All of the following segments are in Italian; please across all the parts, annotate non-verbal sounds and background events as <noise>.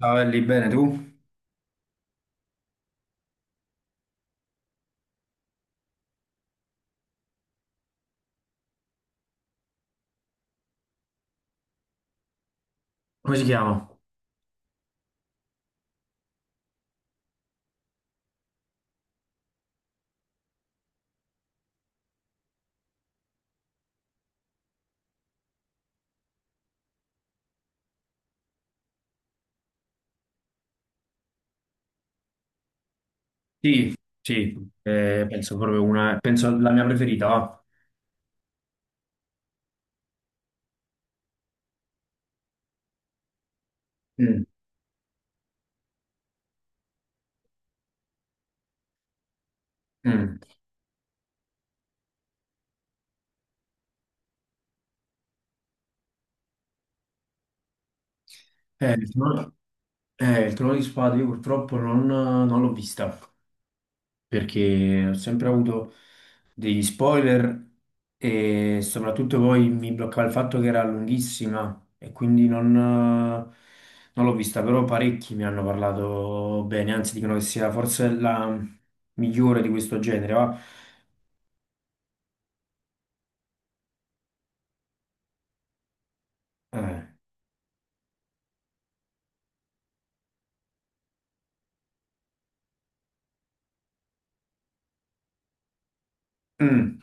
Ciao, Ellie, bene tu? Come si chiama? Sì, sì, penso proprio una, penso la mia preferita, va. Mm. Mm. Eh, il trono, il Trono di Spade io purtroppo non l'ho vista, perché ho sempre avuto degli spoiler e soprattutto poi mi bloccava il fatto che era lunghissima e quindi non l'ho vista, però parecchi mi hanno parlato bene, anzi dicono che sia forse la migliore di questo genere, va. Eh. Mm.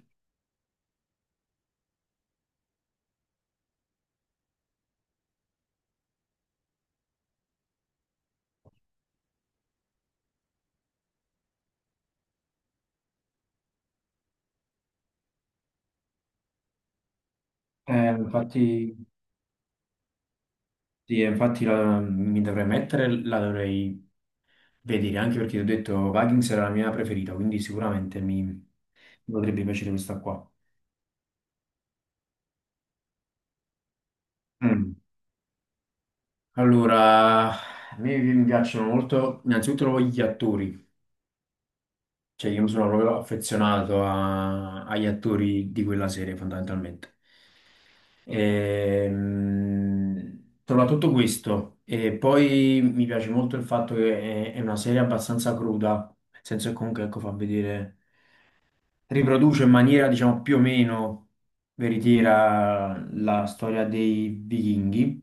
Infatti, sì, mi dovrei mettere, la dovrei vedere anche perché ti ho detto Vikings era la mia preferita, quindi sicuramente mi potrebbe piacere questa qua. Mm. Allora, a me mi piacciono molto innanzitutto gli attori. Cioè, io mi sono proprio affezionato agli attori di quella serie, fondamentalmente. Soprattutto questo. E poi mi piace molto il fatto che è una serie abbastanza cruda, nel senso che comunque ecco, fa vedere, riproduce in maniera diciamo più o meno veritiera la storia dei vichinghi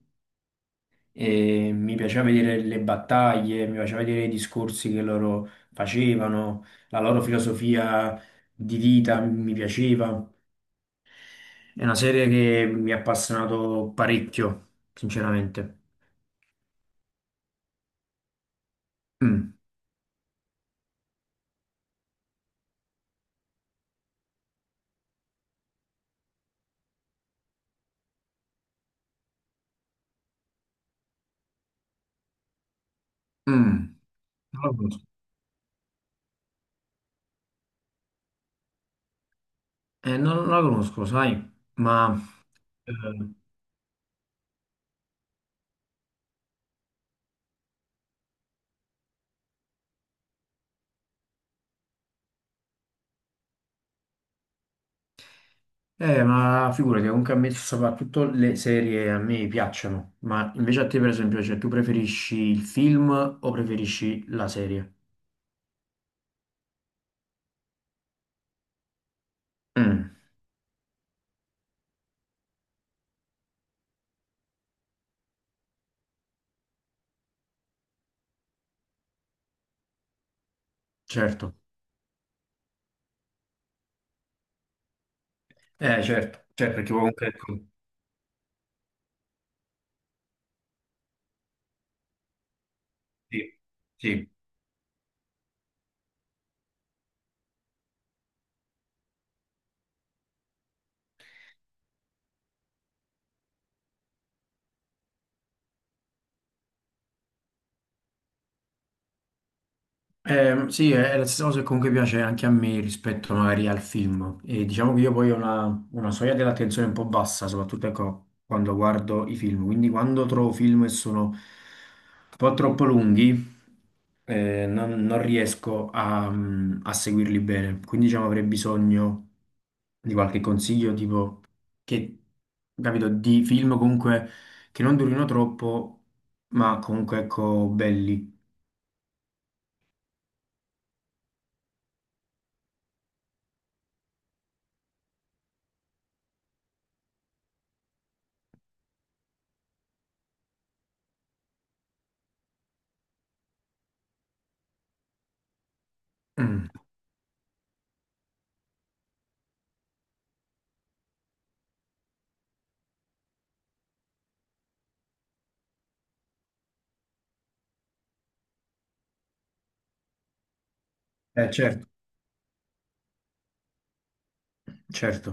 e mi piaceva vedere le battaglie, mi piaceva vedere i discorsi che loro facevano, la loro filosofia di vita mi piaceva. È una serie che mi ha appassionato parecchio, sinceramente. Mm, mm, non la conosco. Non la conosco, sai, eh, ma figurati, comunque a me soprattutto le serie a me piacciono, ma invece a te per esempio, cioè, tu preferisci il film o preferisci la serie? Mm, certo. Certo, certo, perché comunque ecco, sì, sì. Sì, è la stessa cosa che comunque piace anche a me rispetto magari al film. E diciamo che io poi ho una soglia dell'attenzione un po' bassa, soprattutto ecco, quando guardo i film. Quindi quando trovo film che sono un po' troppo lunghi, non riesco a, a seguirli bene. Quindi diciamo avrei bisogno di qualche consiglio, tipo che, capito, di film comunque che non durino troppo, ma comunque ecco belli. Mm. Certo. Certo.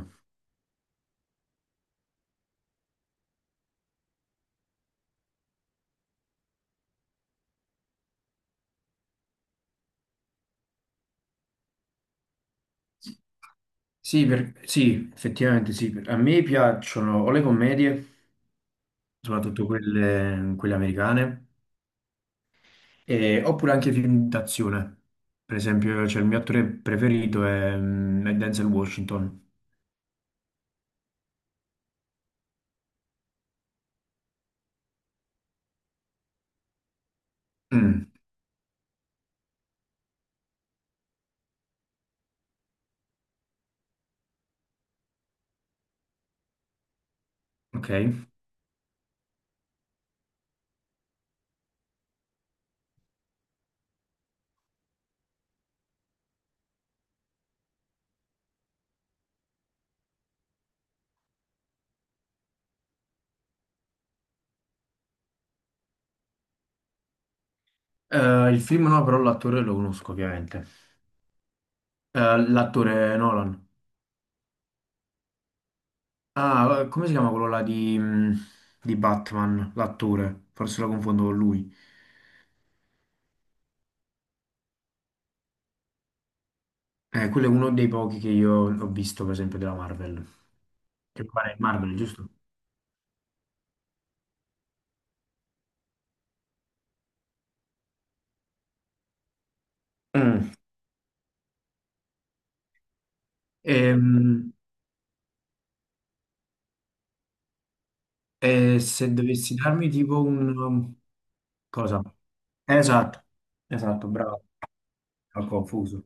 Sì, effettivamente sì. A me piacciono o le commedie, soprattutto quelle americane, oppure anche i film d'azione. Per esempio, c'è il mio attore preferito è, è Denzel Washington. Mm, ok. Il film no, però l'attore lo conosco ovviamente. L'attore Nolan. Ah, come si chiama quello là di, di Batman? L'attore. Forse lo confondo con lui. Quello è uno dei pochi che io ho visto, per esempio, della Marvel. Che pare è Marvel, giusto? Mm. Ehm, e, se dovessi darmi tipo un... cosa? Esatto, esatto, bravo, ho confuso.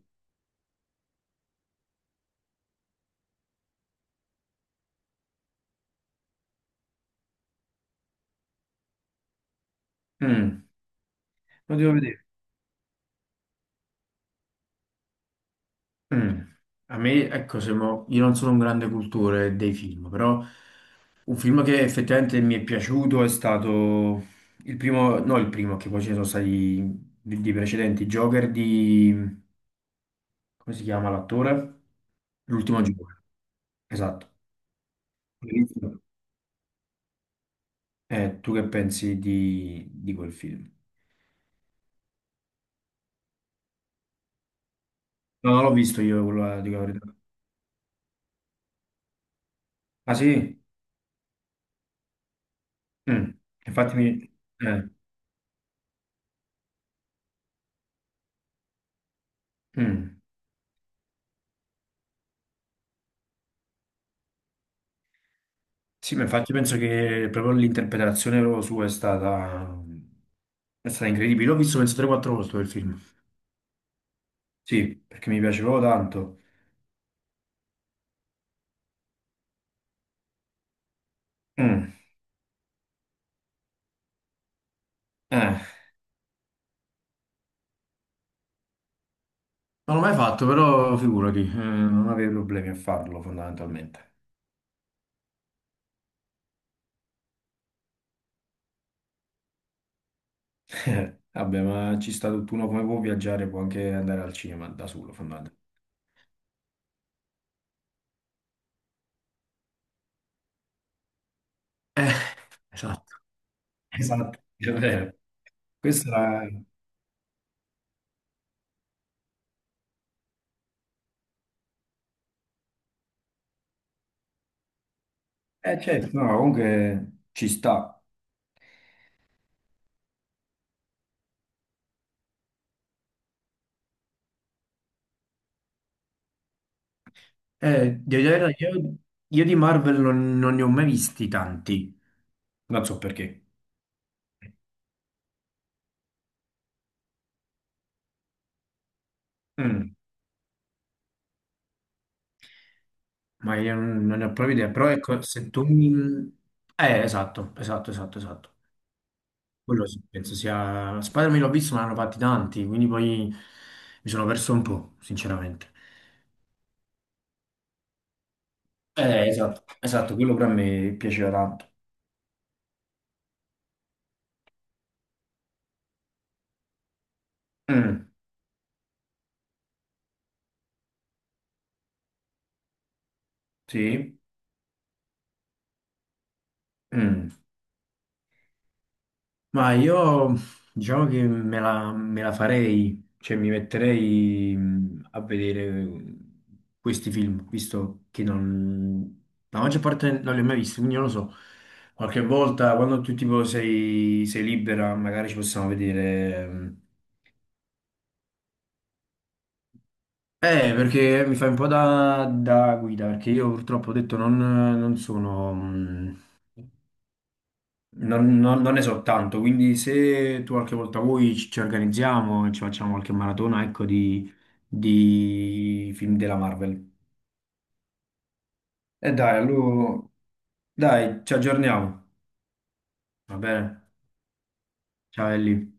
Mm. Lo devo vedere. Mm. A me, ecco, se mo- io non sono un grande cultore dei film, però un film che effettivamente mi è piaciuto è stato no il primo, che poi ce ne sono stati di precedenti, Joker di... come si chiama l'attore? L'ultimo Joker, esatto. Tu che pensi di quel film? No, non l'ho visto io, quello di verità. Ah sì? Mm. Infatti mi... eh, mm. Sì, ma infatti penso che proprio l'interpretazione proprio sua è stata incredibile. L'ho visto penso 3-4 volte quel film. Sì, perché mi piace proprio tanto. Mm. Eh, non l'ho mai fatto, però figurati, non avevo problemi a farlo fondamentalmente. <laughs> Vabbè, ma ci sta tutto uno come può viaggiare, può anche andare al cinema da solo fondamentalmente. Eh, esatto. Esatto, è vero. Questa era... Eh certo, no, comunque ci sta. Devo dire la verità, io di Marvel non ne ho mai visti tanti. Non so perché. Mm, ma io non ne ho proprio idea, però ecco, se tu mi... esatto, esatto, esatto, esatto. Quello sì, penso sia... Spider-Man l'ho visto, ma ne hanno fatti tanti, quindi poi mi sono perso un po', sinceramente. Esatto, esatto, quello per me piaceva tanto. Mm, sì, mm. Ma io diciamo che me la farei, cioè mi metterei a vedere mm, questi film, visto che non, la maggior parte non li ho mai visti, quindi non lo so. Qualche volta quando tu tipo sei, sei libera, magari ci possiamo vedere. Mh. Perché mi fai un po' da, da guida, perché io purtroppo ho detto non, non sono, non ne so tanto, quindi se tu qualche volta vuoi ci organizziamo e ci facciamo qualche maratona, ecco, di film della Marvel. E dai, allora, dai, ci aggiorniamo, va bene? Ciao Ellie.